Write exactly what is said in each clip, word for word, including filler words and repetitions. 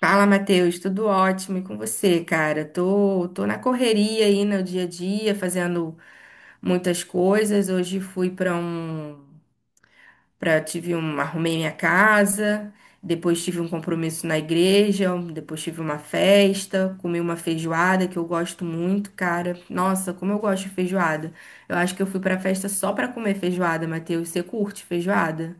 Fala, Matheus, tudo ótimo e com você, cara? Tô, tô na correria aí no dia a dia, fazendo muitas coisas. Hoje fui para um, para tive um, arrumei minha casa, depois tive um compromisso na igreja, um, depois tive uma festa, comi uma feijoada que eu gosto muito, cara. Nossa, como eu gosto de feijoada. Eu acho que eu fui pra festa só pra comer feijoada, Matheus. Você curte feijoada?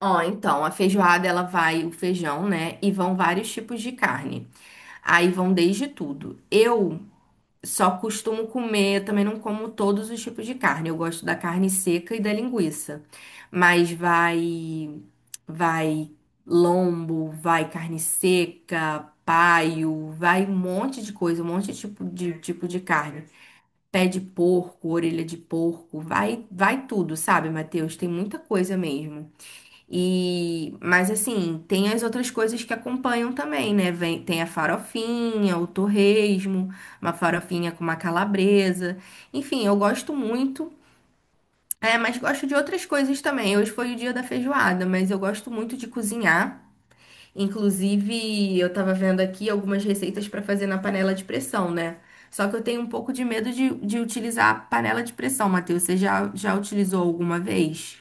Ó, então, a feijoada ela vai o feijão, né? E vão vários tipos de carne. Aí vão desde tudo. Eu só costumo comer, eu também não como todos os tipos de carne. Eu gosto da carne seca e da linguiça. Mas vai vai lombo, vai carne seca, paio, vai um monte de coisa, um monte de tipo de tipo de carne. Pé de porco, orelha de porco, vai vai tudo, sabe, Matheus? Tem muita coisa mesmo. E, mas assim, tem as outras coisas que acompanham também, né? Vem, tem a farofinha, o torresmo, uma farofinha com uma calabresa. Enfim, eu gosto muito. É, mas gosto de outras coisas também. Hoje foi o dia da feijoada, mas eu gosto muito de cozinhar. Inclusive, eu tava vendo aqui algumas receitas para fazer na panela de pressão, né? Só que eu tenho um pouco de medo de, de utilizar a panela de pressão, Matheus. Você já, já utilizou alguma vez?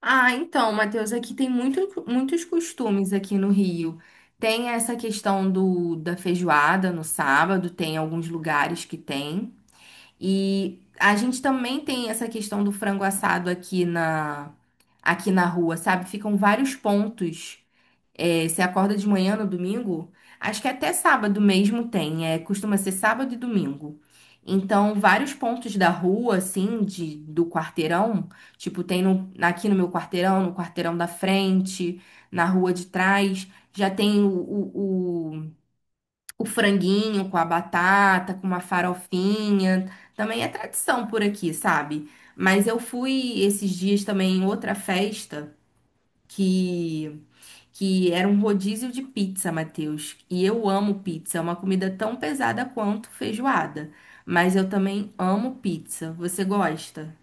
Ah, então, Matheus, aqui tem muito, muitos costumes aqui no Rio. Tem essa questão do, da feijoada no sábado, tem alguns lugares que tem. E a gente também tem essa questão do frango assado aqui na, aqui na rua, sabe? Ficam vários pontos é, você acorda de manhã no domingo? Acho que até sábado mesmo tem, é, costuma ser sábado e domingo. Então, vários pontos da rua, assim, de, do quarteirão, tipo, tem no- aqui no meu quarteirão, no quarteirão da frente, na rua de trás, já tem o, o, o- o franguinho com a batata, com uma farofinha. Também é tradição por aqui, sabe? Mas eu fui esses dias também em outra festa que que era um rodízio de pizza, Matheus. E eu amo pizza, é uma comida tão pesada quanto feijoada. Mas eu também amo pizza. Você gosta?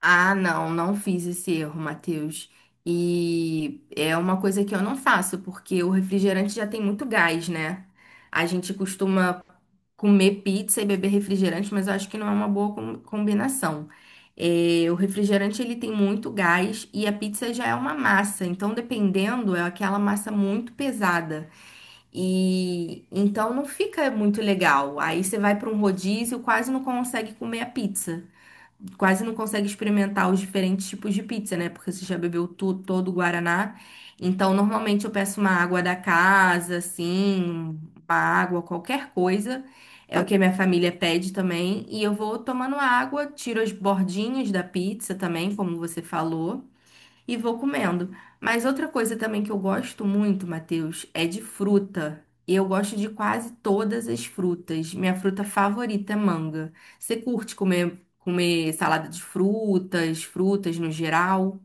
Ah, não, não fiz esse erro, Matheus. E é uma coisa que eu não faço, porque o refrigerante já tem muito gás, né? A gente costuma comer pizza e beber refrigerante, mas eu acho que não é uma boa com- combinação. É, o refrigerante ele tem muito gás e a pizza já é uma massa, então dependendo é aquela massa muito pesada e então não fica muito legal. Aí você vai para um rodízio, quase não consegue comer a pizza, quase não consegue experimentar os diferentes tipos de pizza, né? Porque você já bebeu tu- todo o Guaraná. Então, normalmente eu peço uma água da casa, assim, uma água, qualquer coisa. É o que a minha família pede também. E eu vou tomando água, tiro as bordinhas da pizza também, como você falou, e vou comendo. Mas outra coisa também que eu gosto muito, Matheus, é de fruta. E eu gosto de quase todas as frutas. Minha fruta favorita é manga. Você curte comer, comer salada de frutas, frutas no geral?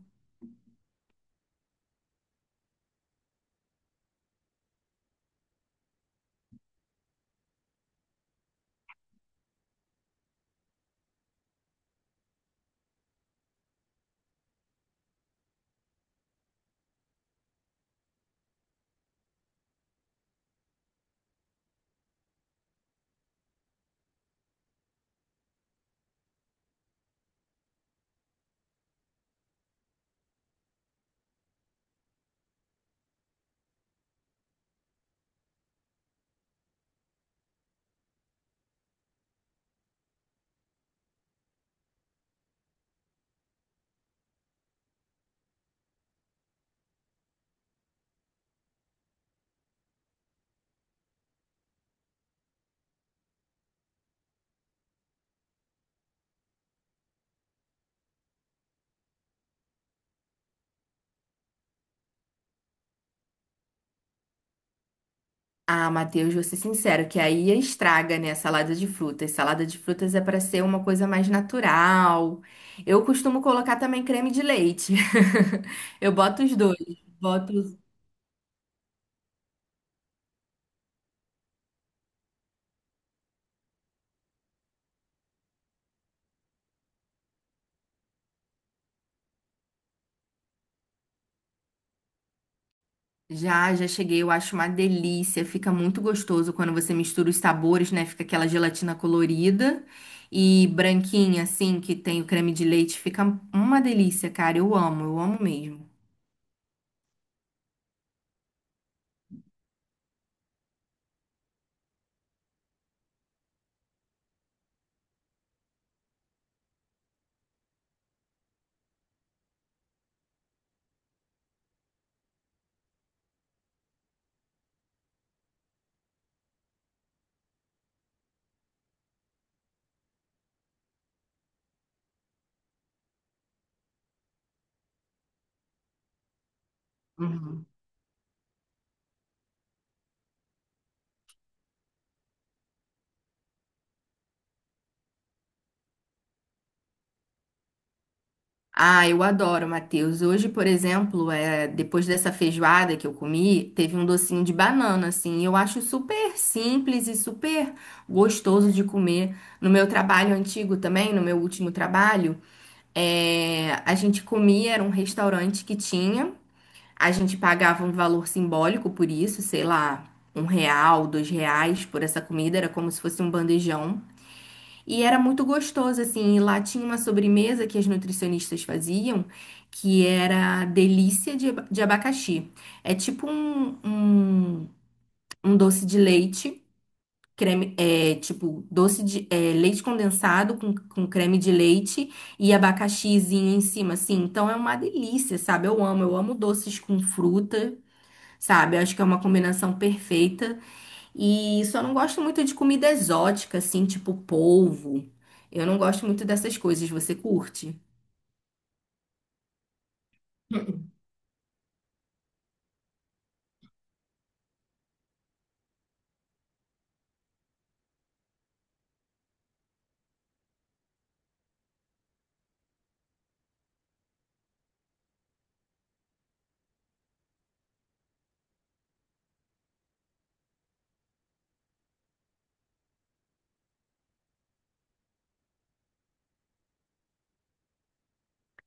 Ah, Matheus, vou ser sincero, que aí estraga, né, a salada de frutas. Salada de frutas é para ser uma coisa mais natural. Eu costumo colocar também creme de leite. Eu boto os dois. Boto Já, já cheguei, eu acho uma delícia. Fica muito gostoso quando você mistura os sabores, né? Fica aquela gelatina colorida e branquinha, assim, que tem o creme de leite. Fica uma delícia, cara. Eu amo, eu amo mesmo. Uhum. Ah, eu adoro, Matheus. Hoje, por exemplo, é, depois dessa feijoada que eu comi, teve um docinho de banana, assim. e Eu acho super simples e super gostoso de comer. No meu trabalho antigo também, no meu último trabalho. É, a gente comia, era um restaurante que tinha. A gente pagava um valor simbólico por isso, sei lá, um real, dois reais por essa comida, era como se fosse um bandejão. E era muito gostoso, assim. E lá tinha uma sobremesa que as nutricionistas faziam, que era delícia de, ab- de abacaxi. É tipo um, um, um doce de leite creme, é, tipo, doce de, é, leite condensado com, com creme de leite e abacaxizinho em cima, assim. Então é uma delícia, sabe? Eu amo, eu amo doces com fruta, sabe? Eu acho que é uma combinação perfeita. E só não gosto muito de comida exótica, assim, tipo polvo. Eu não gosto muito dessas coisas. Você curte?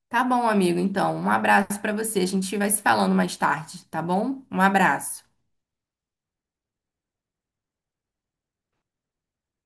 Tá bom, amigo. Então, um abraço pra você. A gente vai se falando mais tarde, tá bom? Um abraço.